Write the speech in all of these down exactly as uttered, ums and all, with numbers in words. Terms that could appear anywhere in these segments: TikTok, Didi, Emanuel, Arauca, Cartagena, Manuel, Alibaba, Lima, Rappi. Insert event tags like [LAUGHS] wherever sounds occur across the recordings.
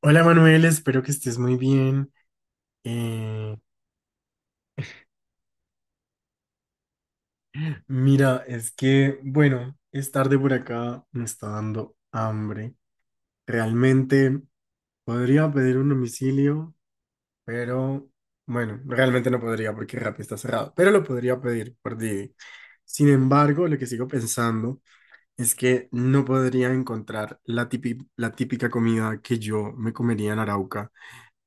Hola Manuel, espero que estés muy bien. Eh, Mira, es que, bueno, es tarde por acá, me está dando hambre. Realmente podría pedir un domicilio, pero bueno, realmente no podría porque Rappi está cerrado, pero lo podría pedir por Didi. Sin embargo, lo que sigo pensando es que no podría encontrar la típica, la típica comida que yo me comería en Arauca.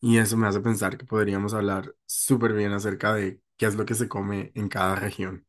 Y eso me hace pensar que podríamos hablar súper bien acerca de qué es lo que se come en cada región.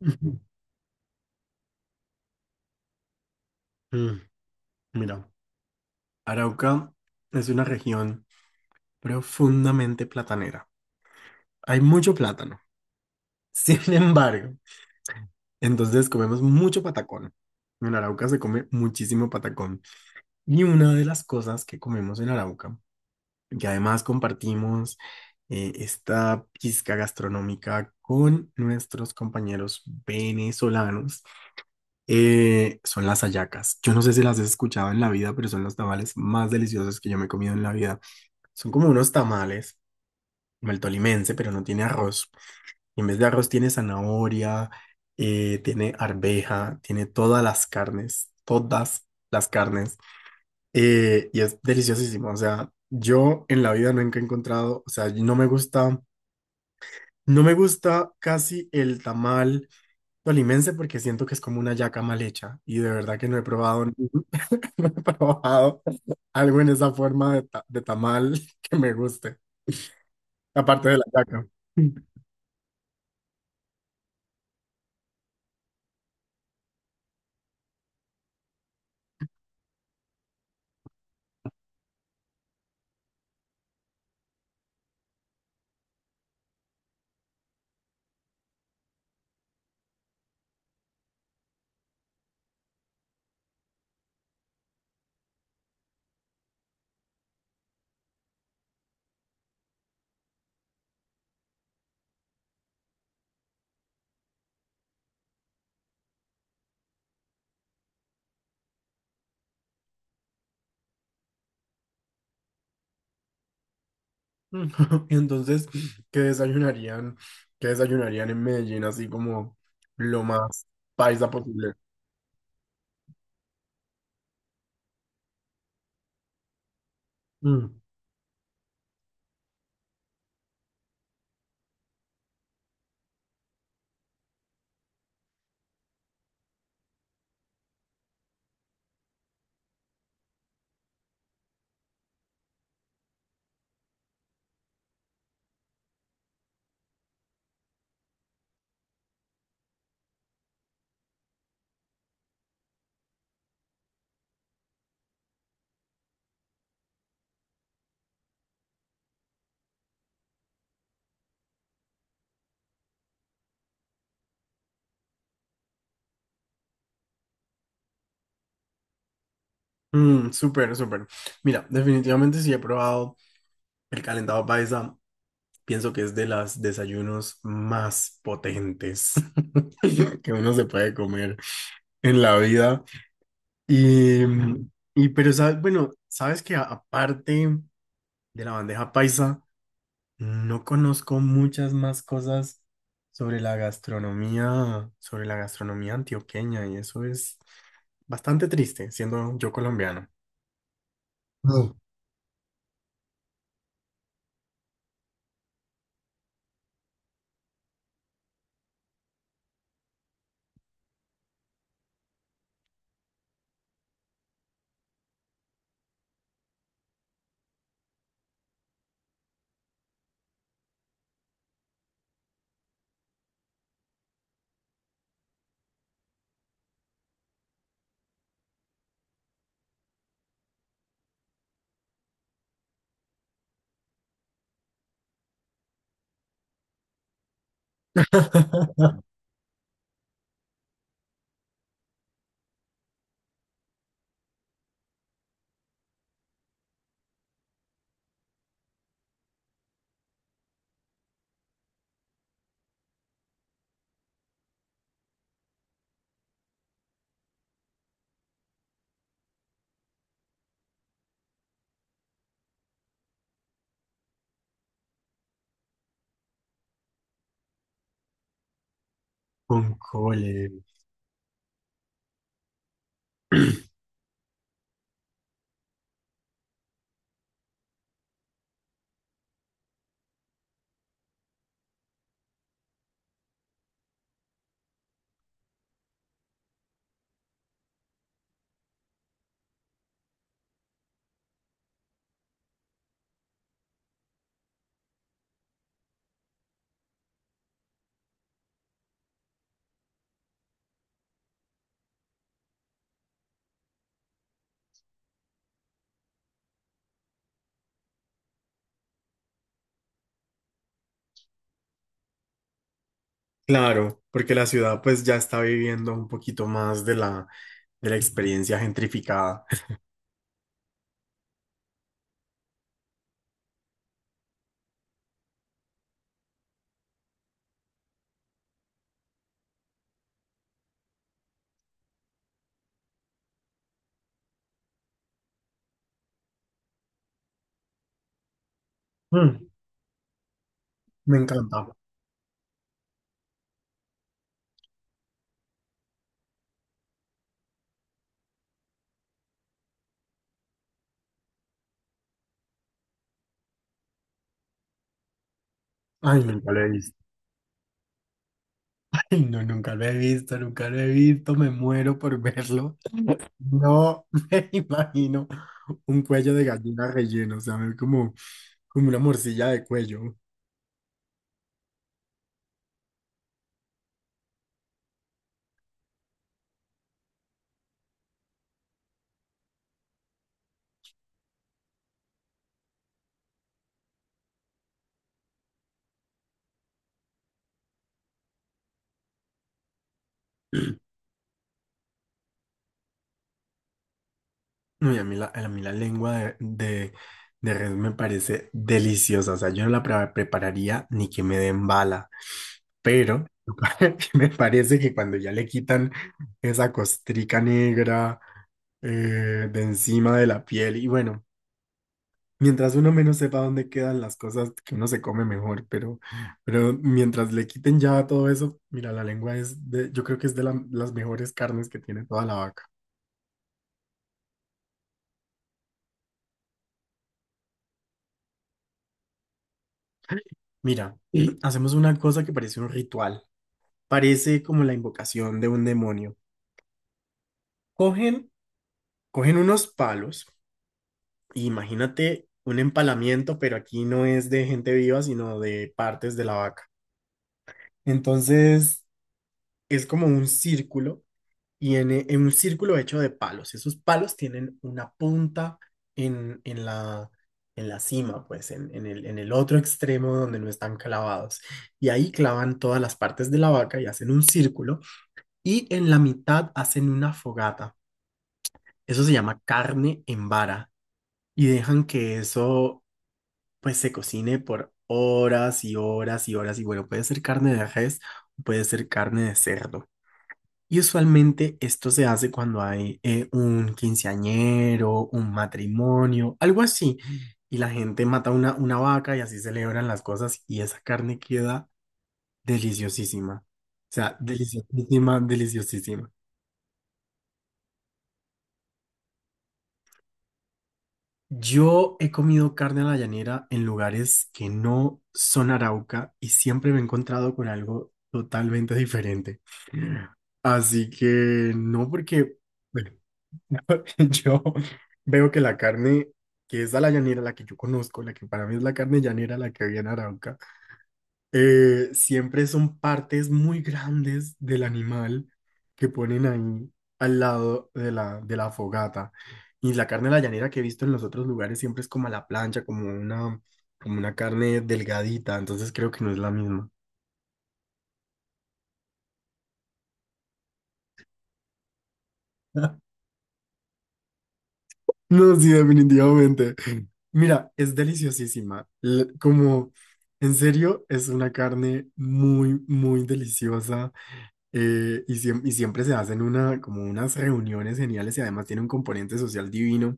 Ujú. Mm, mira, Arauca es una región profundamente platanera. Hay mucho plátano. [LAUGHS] Sin embargo, entonces comemos mucho patacón. En Arauca se come muchísimo patacón. Y una de las cosas que comemos en Arauca, que además compartimos eh, esta pizca gastronómica con nuestros compañeros venezolanos, eh, son las hallacas. Yo no sé si las has escuchado en la vida, pero son los tamales más deliciosos que yo me he comido en la vida. Son como unos tamales, como el tolimense, pero no tiene arroz. Y en vez de arroz tiene zanahoria, eh, tiene arveja, tiene todas las carnes, todas las carnes. Eh, y es deliciosísimo. O sea, yo en la vida nunca he encontrado, o sea, no me gusta, no me gusta casi el tamal tolimense, porque siento que es como una yaca mal hecha y de verdad que no he probado. [LAUGHS] No he probado algo en esa forma de, ta- de tamal [LAUGHS] que me guste, aparte de la yaca. [LAUGHS] Y entonces, ¿qué desayunarían? ¿Qué desayunarían en Medellín así como lo más paisa posible? Mm, mm, súper, súper. Mira, definitivamente sí he probado el calentado paisa. Pienso que es de los desayunos más potentes [LAUGHS] que uno se puede comer en la vida. Y, y pero sabes, bueno, sabes que a- aparte de la bandeja paisa, no conozco muchas más cosas sobre la gastronomía, sobre la gastronomía antioqueña, y eso es bastante triste, siendo yo colombiano. Mm. [LAUGHS] Con cole. [CLEARS THROAT] Claro, porque la ciudad pues ya está viviendo un poquito más de la, de la experiencia gentrificada. Mm, [LAUGHS] me encanta. Ay, nunca lo he visto. No, nunca lo he visto, nunca lo he visto, me muero por verlo. No me [LAUGHS] imagino un cuello de gallina relleno, o sea, me- como, como una morcilla de cuello. Uy, a mí la, a mí la lengua de, de, de res me parece deliciosa, o sea, yo no la pre- prepararía ni que me den bala, pero [LAUGHS] me parece que cuando ya le quitan esa costrica negra eh, de encima de la piel y bueno. Mientras uno menos sepa dónde quedan las cosas que uno se come mejor, pero, pero mientras le quiten ya todo eso, mira, la lengua es de, yo creo que es de la- las mejores carnes que tiene toda la vaca. Mira, [CLEARS THROAT] hacemos una cosa que parece un ritual, parece como la invocación de un demonio. Cogen, cogen unos palos, e imagínate un empalamiento, pero aquí no es de gente viva, sino de partes de la vaca. Entonces, es como un círculo y en, en un círculo hecho de palos. Esos palos tienen una punta en, en la, en la cima, pues en, en el, en el otro extremo donde no están clavados. Y ahí clavan todas las partes de la vaca y hacen un círculo y en la mitad hacen una fogata. Eso se llama carne en vara y dejan que eso pues se cocine por horas y horas y horas y bueno, puede ser carne de res, puede ser carne de cerdo. Y usualmente esto se hace cuando hay eh, un quinceañero, un matrimonio, algo así. Y la gente mata una, una vaca y así celebran las cosas y esa carne queda deliciosísima. O sea, deliciosísima, deliciosísima. Yo he comido carne a la llanera en lugares que no son Arauca y siempre me he encontrado con algo totalmente diferente. Así que no porque... bueno, [LAUGHS] yo veo que la carne que es a la llanera, la que yo conozco, la que para mí es la carne llanera, la que había en Arauca, eh, siempre son partes muy grandes del animal que ponen ahí al lado de la, de la fogata. Y la carne de la llanera que he visto en los otros lugares siempre es como a la plancha, como una, como una carne delgadita, entonces creo que no es la misma. No, sí, definitivamente. Mira, es deliciosísima. L- Como, en serio, es una carne muy, muy deliciosa. Eh, y, siem- y siempre se hacen una, como unas reuniones geniales y además tiene un componente social divino,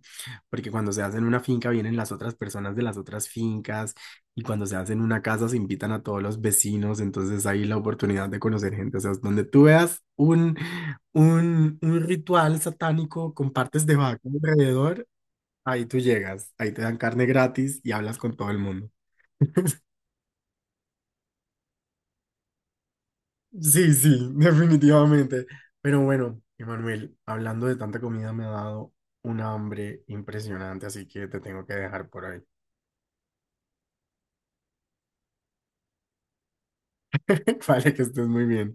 porque cuando se hace en una finca vienen las otras personas de las otras fincas y cuando se hace en una casa se invitan a todos los vecinos, entonces hay la oportunidad de conocer gente, o sea, es donde tú veas un, un, un ritual satánico con partes de vaca alrededor. Ahí tú llegas, ahí te dan carne gratis y hablas con todo el mundo. Sí, sí, [LAUGHS] definitivamente. Pero bueno, Emanuel, hablando de tanta comida me ha dado un hambre impresionante, así que te tengo que dejar por ahí. [LAUGHS] Vale, que estés muy bien.